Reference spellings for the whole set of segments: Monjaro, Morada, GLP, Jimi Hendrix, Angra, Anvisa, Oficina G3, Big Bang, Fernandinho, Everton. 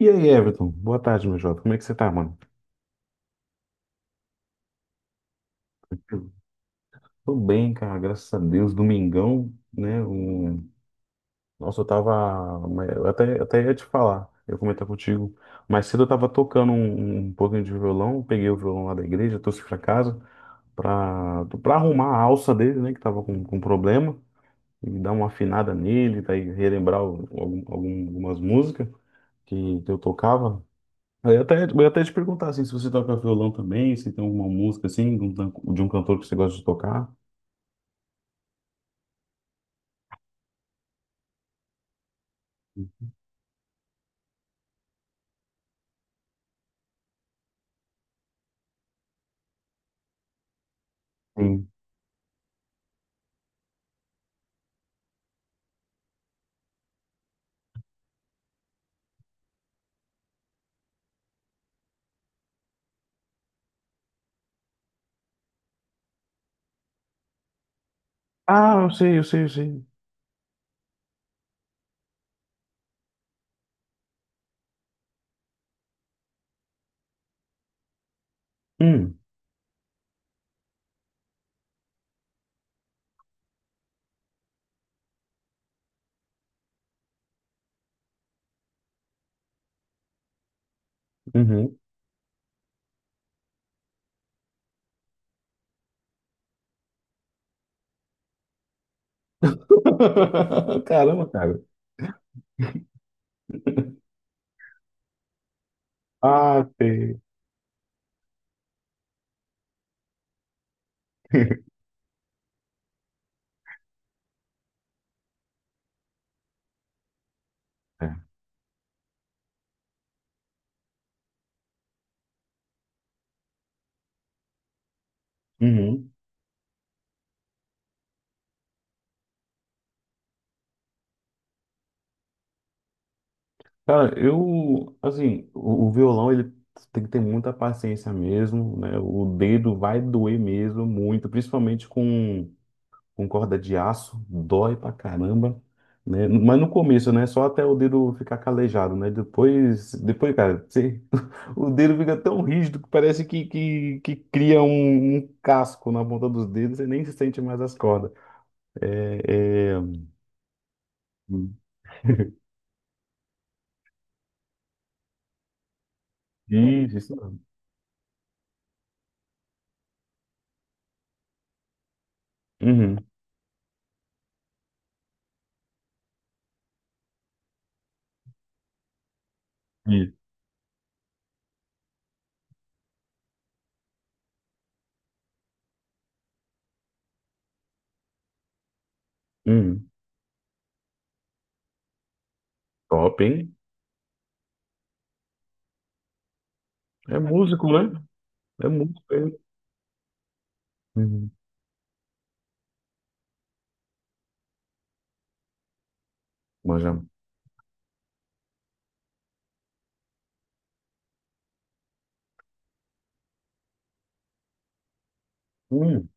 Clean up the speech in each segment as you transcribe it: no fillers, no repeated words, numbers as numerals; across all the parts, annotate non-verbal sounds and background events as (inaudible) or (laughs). E aí, Everton? Boa tarde, meu jovem. Como é que você tá, mano? Tranquilo? Tô bem, cara, graças a Deus. Domingão, né? O... Nossa, eu tava. Mas Eu até, ia te falar, eu ia comentar contigo. Mais cedo eu tava tocando um pouquinho de violão, peguei o violão lá da igreja, trouxe pra casa pra arrumar a alça dele, né? Que tava com problema, e dar uma afinada nele, daí relembrar algumas músicas que eu tocava. Eu ia até, te perguntar assim, se você toca violão também, se tem alguma música assim, de um, de um cantor que você gosta de tocar. Sim. Ah, eu sei, eu sei, eu sei. Hum, uhum. (laughs) Caramba, cara. Ah, sei. (laughs) É. Uhum. Cara, eu, assim, o violão, ele tem que ter muita paciência mesmo, né? O dedo vai doer mesmo, muito, principalmente com corda de aço, dói pra caramba, né? Mas no começo, né? Só até o dedo ficar calejado, né? Depois, depois, cara, (laughs) o dedo fica tão rígido que parece que cria um casco na ponta dos dedos, você nem se sente mais as cordas. É, é... Isso, isso. Mesmo. Uhum. Isso. Uhum. Top, hein? É músico, né? É músico, é. Uhum. Manja. Hum.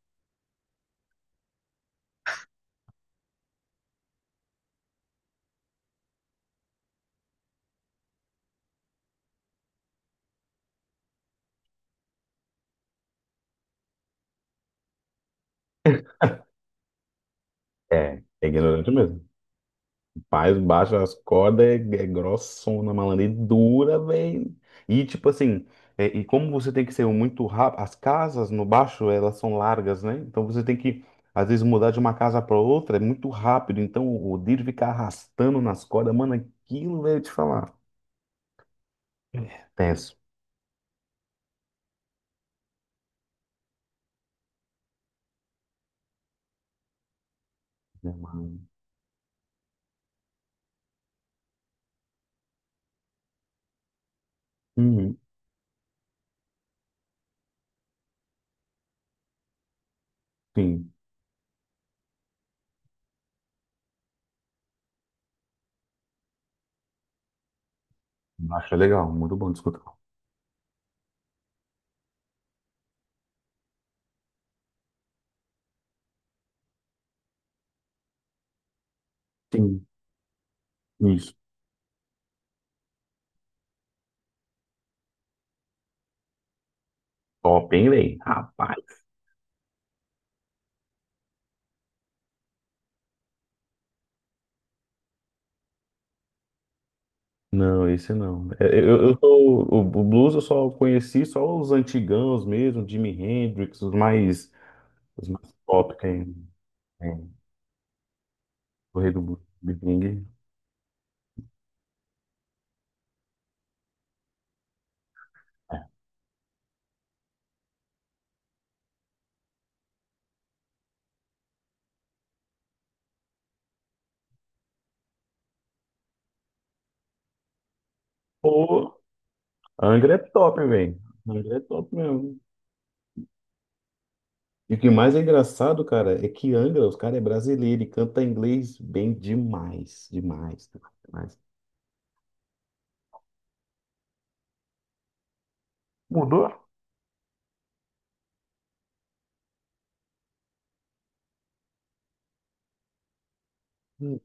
É, é ignorante mesmo. Faz baixa as cordas, é, é grossona, malandro, e dura, velho. E tipo assim, é, e como você tem que ser muito rápido, as casas no baixo, elas são largas, né? Então você tem que, às vezes, mudar de uma casa para outra, é muito rápido. Então o dedo fica arrastando nas cordas, mano, aquilo, velho, te falar. É tenso, né, mano? Uhum, sim, baixo é legal, muito bom de escutar. Sim, isso. Top, hein, velho? Rapaz. Não, esse não. É, é, eu sou, o blues eu só conheci só os antigãos mesmo, Jimi Hendrix, os mais top que é, é, o rei do blues, Big Bang. Pô, Angra é top, velho. Angra é top mesmo. E o que mais é engraçado, cara, é que Angra, os caras é brasileiro e canta inglês bem demais, demais, cara, demais. Mudou? Hum.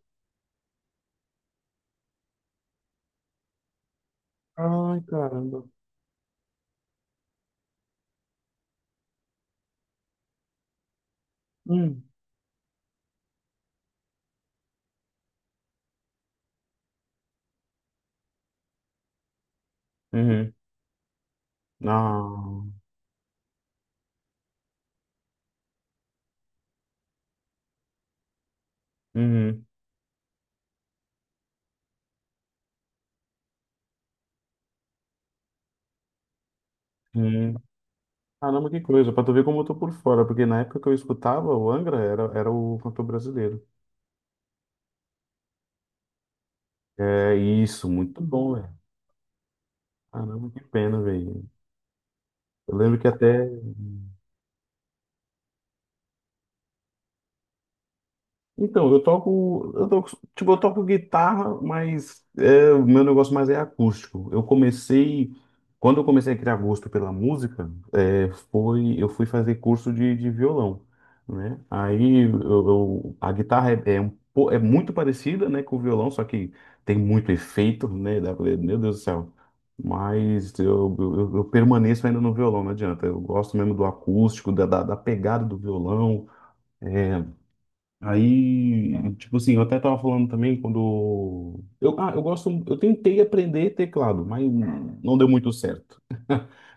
Ai, caramba. Hum. Uhum. Ah. Uhum. Uhum. Caramba, que coisa, pra tu ver como eu tô por fora, porque na época que eu escutava o Angra era, era o cantor brasileiro. É isso, muito bom, velho. Caramba, que pena, velho. Eu lembro que até. Então, eu toco, tipo, eu toco guitarra, mas é, o meu negócio mais é acústico. Eu comecei, quando eu comecei a criar gosto pela música, é, foi, eu fui fazer curso de violão, né? Aí eu, a guitarra é, é, um é muito parecida, né, com o violão, só que tem muito efeito, né? Dá pra meu Deus do céu. Mas eu, eu permaneço ainda no violão, não adianta. Eu gosto mesmo do acústico, da pegada do violão. Aí, tipo assim, eu até tava falando também quando eu, ah, eu gosto, eu tentei aprender teclado, mas não deu muito certo.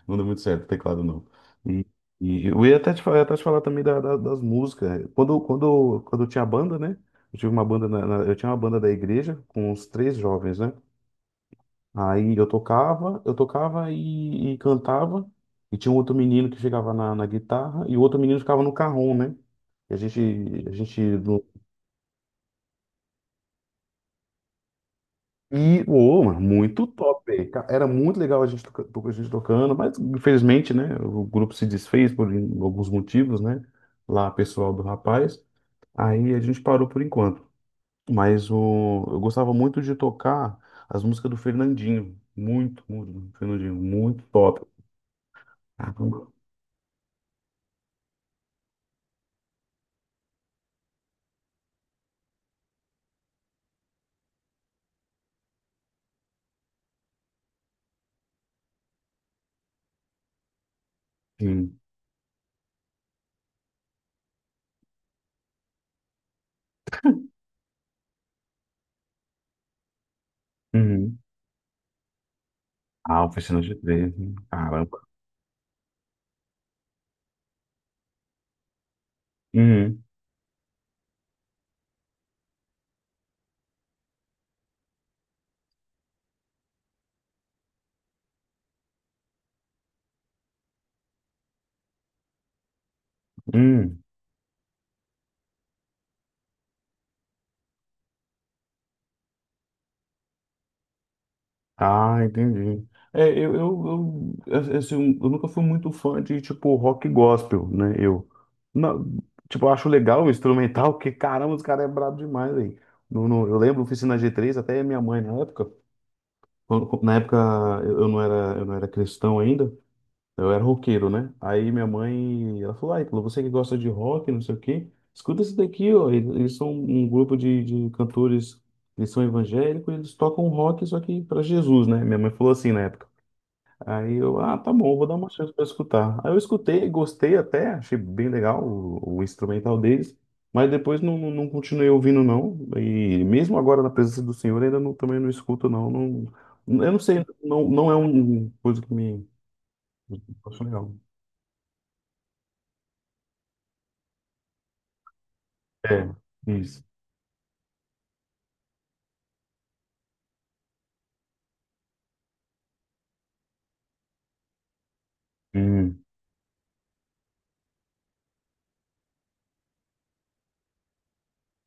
Não deu muito certo teclado não. E, e eu ia até te falar, também das músicas. Quando eu tinha banda, né? Eu tive uma banda eu tinha uma banda da igreja com uns três jovens, né? Aí eu tocava, e cantava, e tinha um outro menino que chegava na guitarra e o outro menino ficava no carrom, né? E a gente, a gente e, ô, mano, muito top, velho. Era muito legal a gente, a gente tocando, mas infelizmente, né, o grupo se desfez por alguns motivos, né, lá pessoal do rapaz, aí a gente parou por enquanto. Mas o, eu gostava muito de tocar as músicas do Fernandinho, muito, muito, Fernandinho, muito top. Caramba. Sim. Uhum. Ah, oficina de três, caramba. Uhum. Uhum. Ah, entendi. É, eu, assim, um, eu nunca fui muito fã de, tipo, rock gospel, né? Eu, não, tipo, eu acho legal o instrumental, porque, caramba, os caras é brabo demais, aí. No, eu lembro, oficina G3, até minha mãe, na época, na época eu não era cristão ainda, eu era roqueiro, né? Aí minha mãe, ela falou, ai, Clô, você que gosta de rock, não sei o quê, escuta esse daqui, ó. Eles são um grupo de cantores, eles são evangélicos, eles tocam rock, só que para Jesus, né? Minha mãe falou assim na época. Aí eu, ah, tá bom, vou dar uma chance para escutar. Aí eu escutei, gostei até, achei bem legal o instrumental deles, mas depois não, não continuei ouvindo, não. E mesmo agora na presença do Senhor, ainda não, também não escuto, não. Não, eu não sei, não, não é uma coisa que me. Acho legal. É, isso. Hum,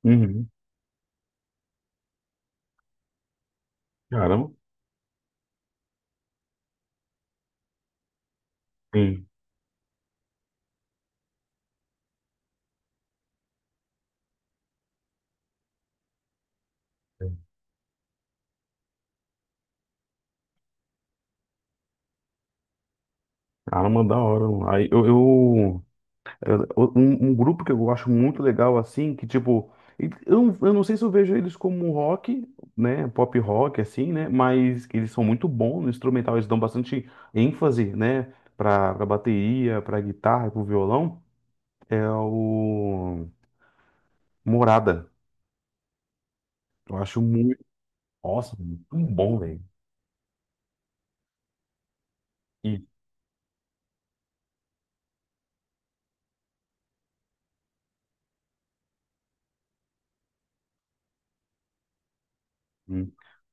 uhum. Caramba, sim. Caramba, da hora, mano. Aí eu, um, um grupo que eu acho muito legal, assim, que tipo, eu, eu não sei se eu vejo eles como um rock, né? Pop rock, assim, né? Mas que eles são muito bons no instrumental, eles dão bastante ênfase, né? Pra, pra bateria, pra guitarra, pro violão. É o Morada. Eu acho muito. Nossa, muito bom, velho.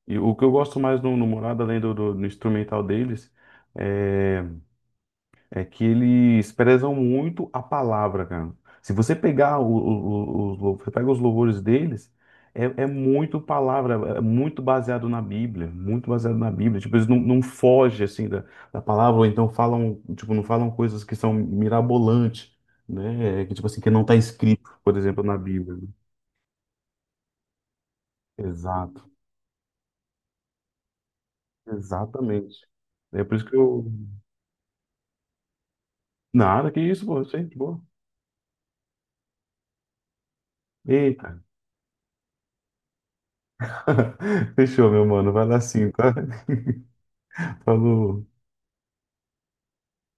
E o que eu gosto mais no, no Morada, além do, do instrumental deles, é, é que eles prezam muito a palavra, cara. Se você pegar o, os, você pega os louvores deles, é, é muito palavra, é muito baseado na Bíblia, muito baseado na Bíblia. Tipo, eles não, não fogem, assim, da, da palavra, ou então falam, tipo, não falam coisas que são mirabolantes, né? É que, tipo assim, que não está escrito, por exemplo, na Bíblia, né? Exato, exatamente. É por isso que eu nada, que isso, pô, gente, boa. Eita. (laughs) Fechou, meu mano. Vai lá sim, tá? (laughs) Falou.